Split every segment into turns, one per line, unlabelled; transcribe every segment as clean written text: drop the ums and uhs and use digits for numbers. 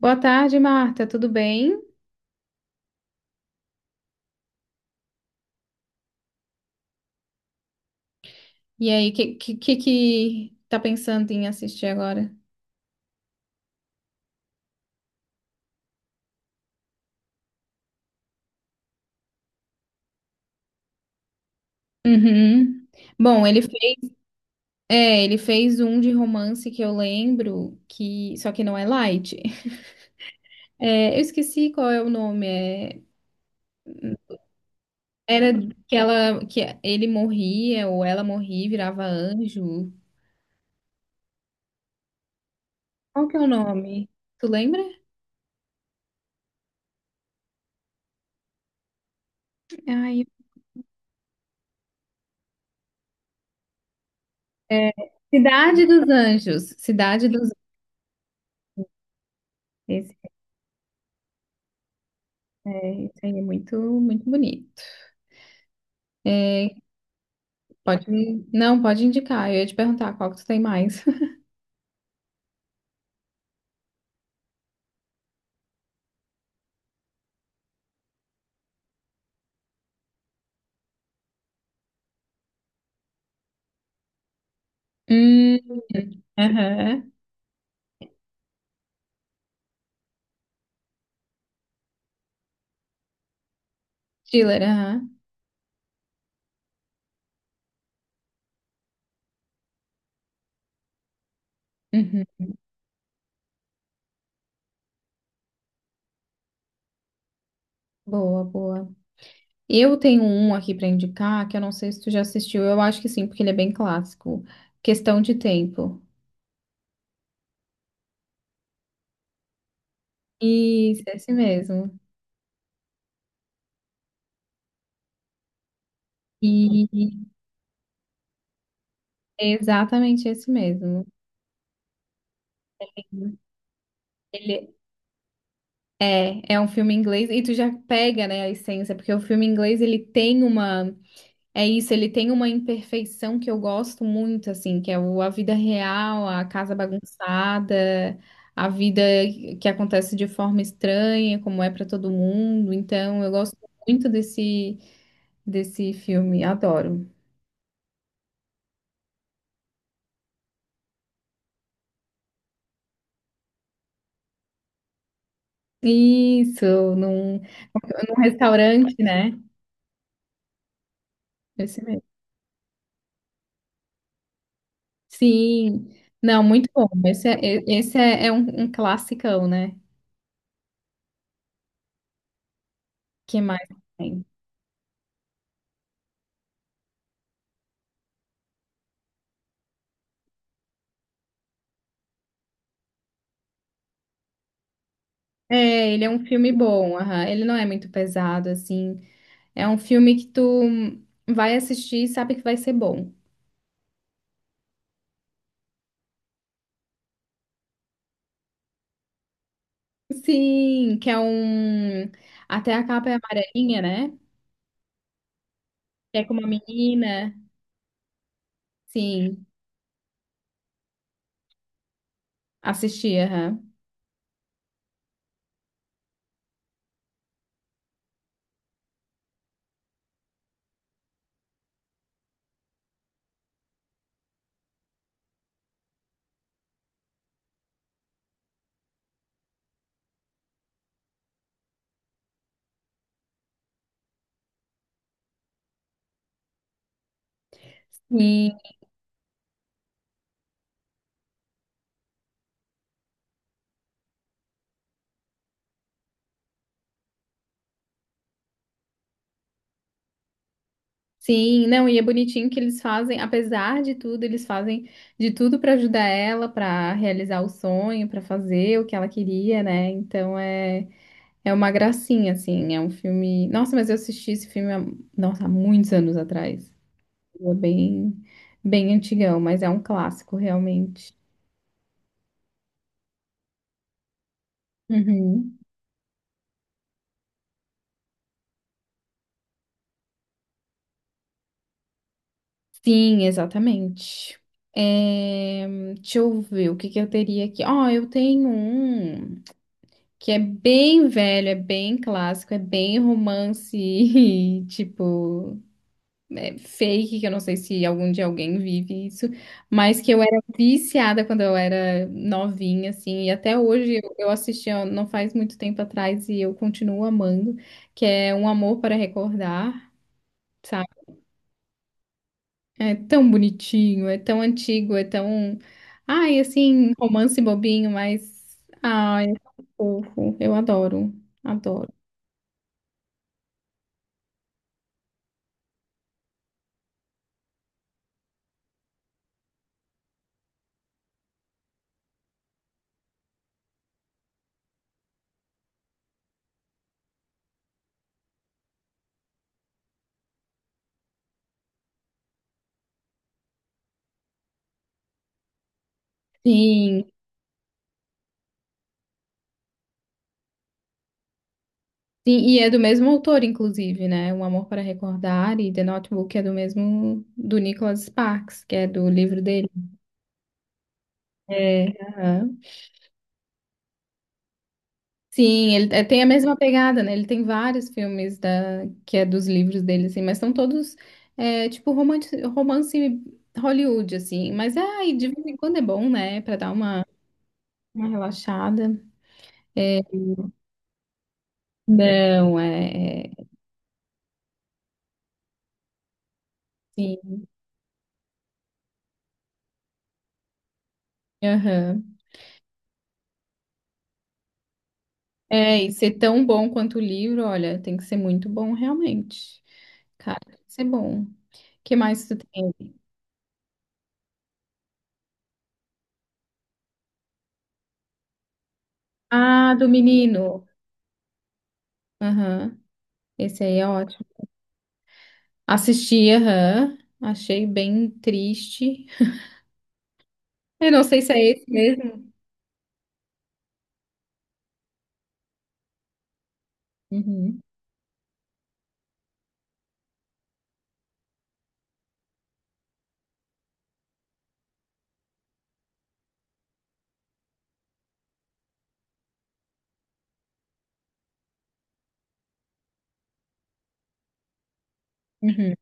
Boa tarde, Marta. Tudo bem? E aí, o que que tá pensando em assistir agora? Uhum. Bom, ele fez, ele fez um de romance que eu lembro, que só que não é light. É, eu esqueci qual é o nome. Era que ela, que ele morria ou ela morria e virava anjo. Qual que é o nome? Tu lembra? Ai, é, Cidade dos Anjos. Cidade dos Anjos. Esse, é, esse aí é muito, muito bonito. Pode, não, pode indicar. Eu ia te perguntar qual que tu tem mais. Hum, aham. Thriller, aham. Uhum. Boa, boa. Eu tenho um aqui pra indicar que eu não sei se tu já assistiu. Eu acho que sim, porque ele é bem clássico. Questão de Tempo. Isso, esse mesmo. E é exatamente esse mesmo. Ele é, é um filme inglês e tu já pega, né, a essência, porque o filme inglês ele tem uma. É isso, ele tem uma imperfeição que eu gosto muito, assim, que é a vida real, a casa bagunçada, a vida que acontece de forma estranha, como é para todo mundo. Então, eu gosto muito desse filme, adoro. Isso, num, num restaurante, né? Esse mesmo. Sim, não, muito bom. Esse é, é um, um classicão, né? Que mais tem? É, ele é um filme bom, aham. Ele não é muito pesado, assim. É um filme que tu vai assistir e sabe que vai ser bom. Sim, que é um. Até a capa é amarelinha, né? Que é com uma menina. Sim, assisti, aham. Sim, sim, não, e é bonitinho que eles fazem, apesar de tudo, eles fazem de tudo pra ajudar ela, pra realizar o sonho, pra fazer o que ela queria, né? Então é, é uma gracinha, assim, é um filme. Nossa, mas eu assisti esse filme há, nossa, há muitos anos atrás. É bem, bem antigão, mas é um clássico realmente. Uhum. Sim, exatamente. É, deixa eu ver o que que eu teria aqui. Ó, eu tenho um que é bem velho, é bem clássico, é bem romance, tipo, é, fake, que eu não sei se algum dia alguém vive isso, mas que eu era viciada quando eu era novinha, assim, e até hoje eu assisti ó, não faz muito tempo atrás e eu continuo amando, que é Um Amor para Recordar, sabe? É tão bonitinho, é tão antigo, é tão. Ai, assim, romance bobinho, mas. Ai, é tão fofo. Eu adoro, adoro. Sim, sim, e é do mesmo autor, inclusive, né? Um Amor para Recordar e The Notebook é do mesmo do Nicholas Sparks, que é do livro dele. É, aham. Sim, tem a mesma pegada, né? Ele tem vários filmes da, que é dos livros dele, assim, mas são todos é, tipo romance, romance Hollywood, assim. Mas ai, de vez em quando é bom, né? Pra dar uma relaxada. É, não, é. É, sim, aham. É, e ser tão bom quanto o livro, olha, tem que ser muito bom realmente. Cara, tem que ser bom. O que mais tu tem? Ah, do menino. Aham. Esse aí é ótimo. Assisti, aham. Achei bem triste. Eu não sei se é esse mesmo. Uhum. Uhum.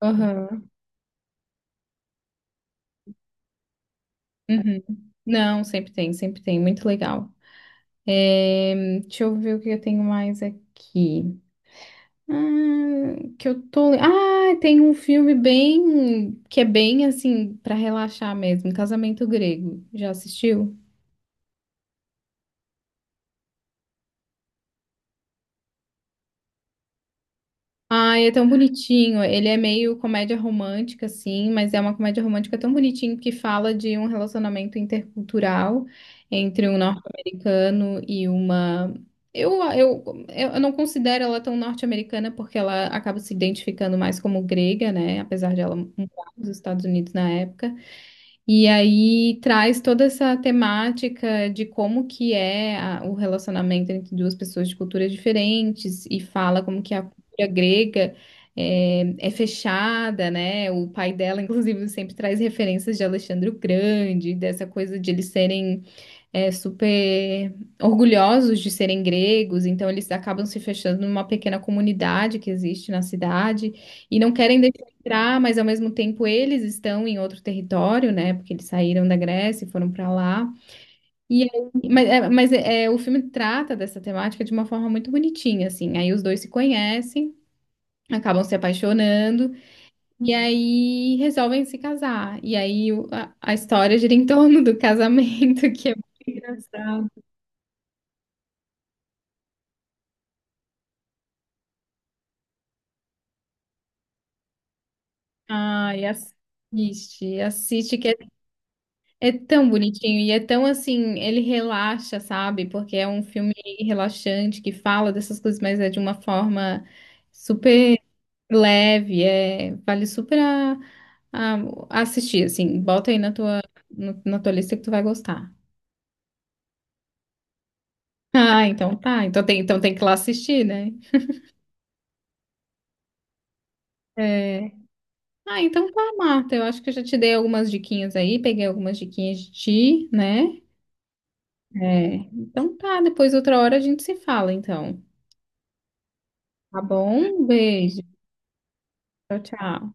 Aham. Uhum. Não, sempre tem, sempre tem. Muito legal. É, deixa eu ver o que eu tenho mais aqui. Ah, que eu tô. Ah, tem um filme bem. Que é bem assim, pra relaxar mesmo. Casamento Grego. Já assistiu? Ai, é tão bonitinho. Ele é meio comédia romântica, assim, mas é uma comédia romântica tão bonitinho que fala de um relacionamento intercultural entre um norte-americano e uma. Eu, eu, eu não considero ela tão norte-americana porque ela acaba se identificando mais como grega, né? Apesar de ela morar nos Estados Unidos na época. E aí traz toda essa temática de como que é o relacionamento entre duas pessoas de culturas diferentes e fala como que a cultura grega é, é fechada, né? O pai dela, inclusive, sempre traz referências de Alexandre o Grande, dessa coisa de eles serem é, super orgulhosos de serem gregos, então eles acabam se fechando numa pequena comunidade que existe na cidade e não querem deixar entrar, mas ao mesmo tempo eles estão em outro território, né? Porque eles saíram da Grécia e foram para lá. Mas é, é, o filme trata dessa temática de uma forma muito bonitinha, assim. Aí os dois se conhecem. Acabam se apaixonando e aí resolvem se casar. E aí a história gira em torno do casamento, que é muito engraçado. Ai, assiste, assiste que é, é tão bonitinho e é tão assim, ele relaxa, sabe? Porque é um filme relaxante que fala dessas coisas, mas é de uma forma super leve, é, vale super a- a assistir, assim, bota aí na tua, na tua lista que tu vai gostar. Ah, então tá, então tem que ir lá assistir, né? É. Ah, então tá, Marta, eu acho que eu já te dei algumas diquinhas aí, peguei algumas diquinhas de ti, né? É. Então tá, depois outra hora a gente se fala, então. Tá bom? Um beijo. Tchau, tchau.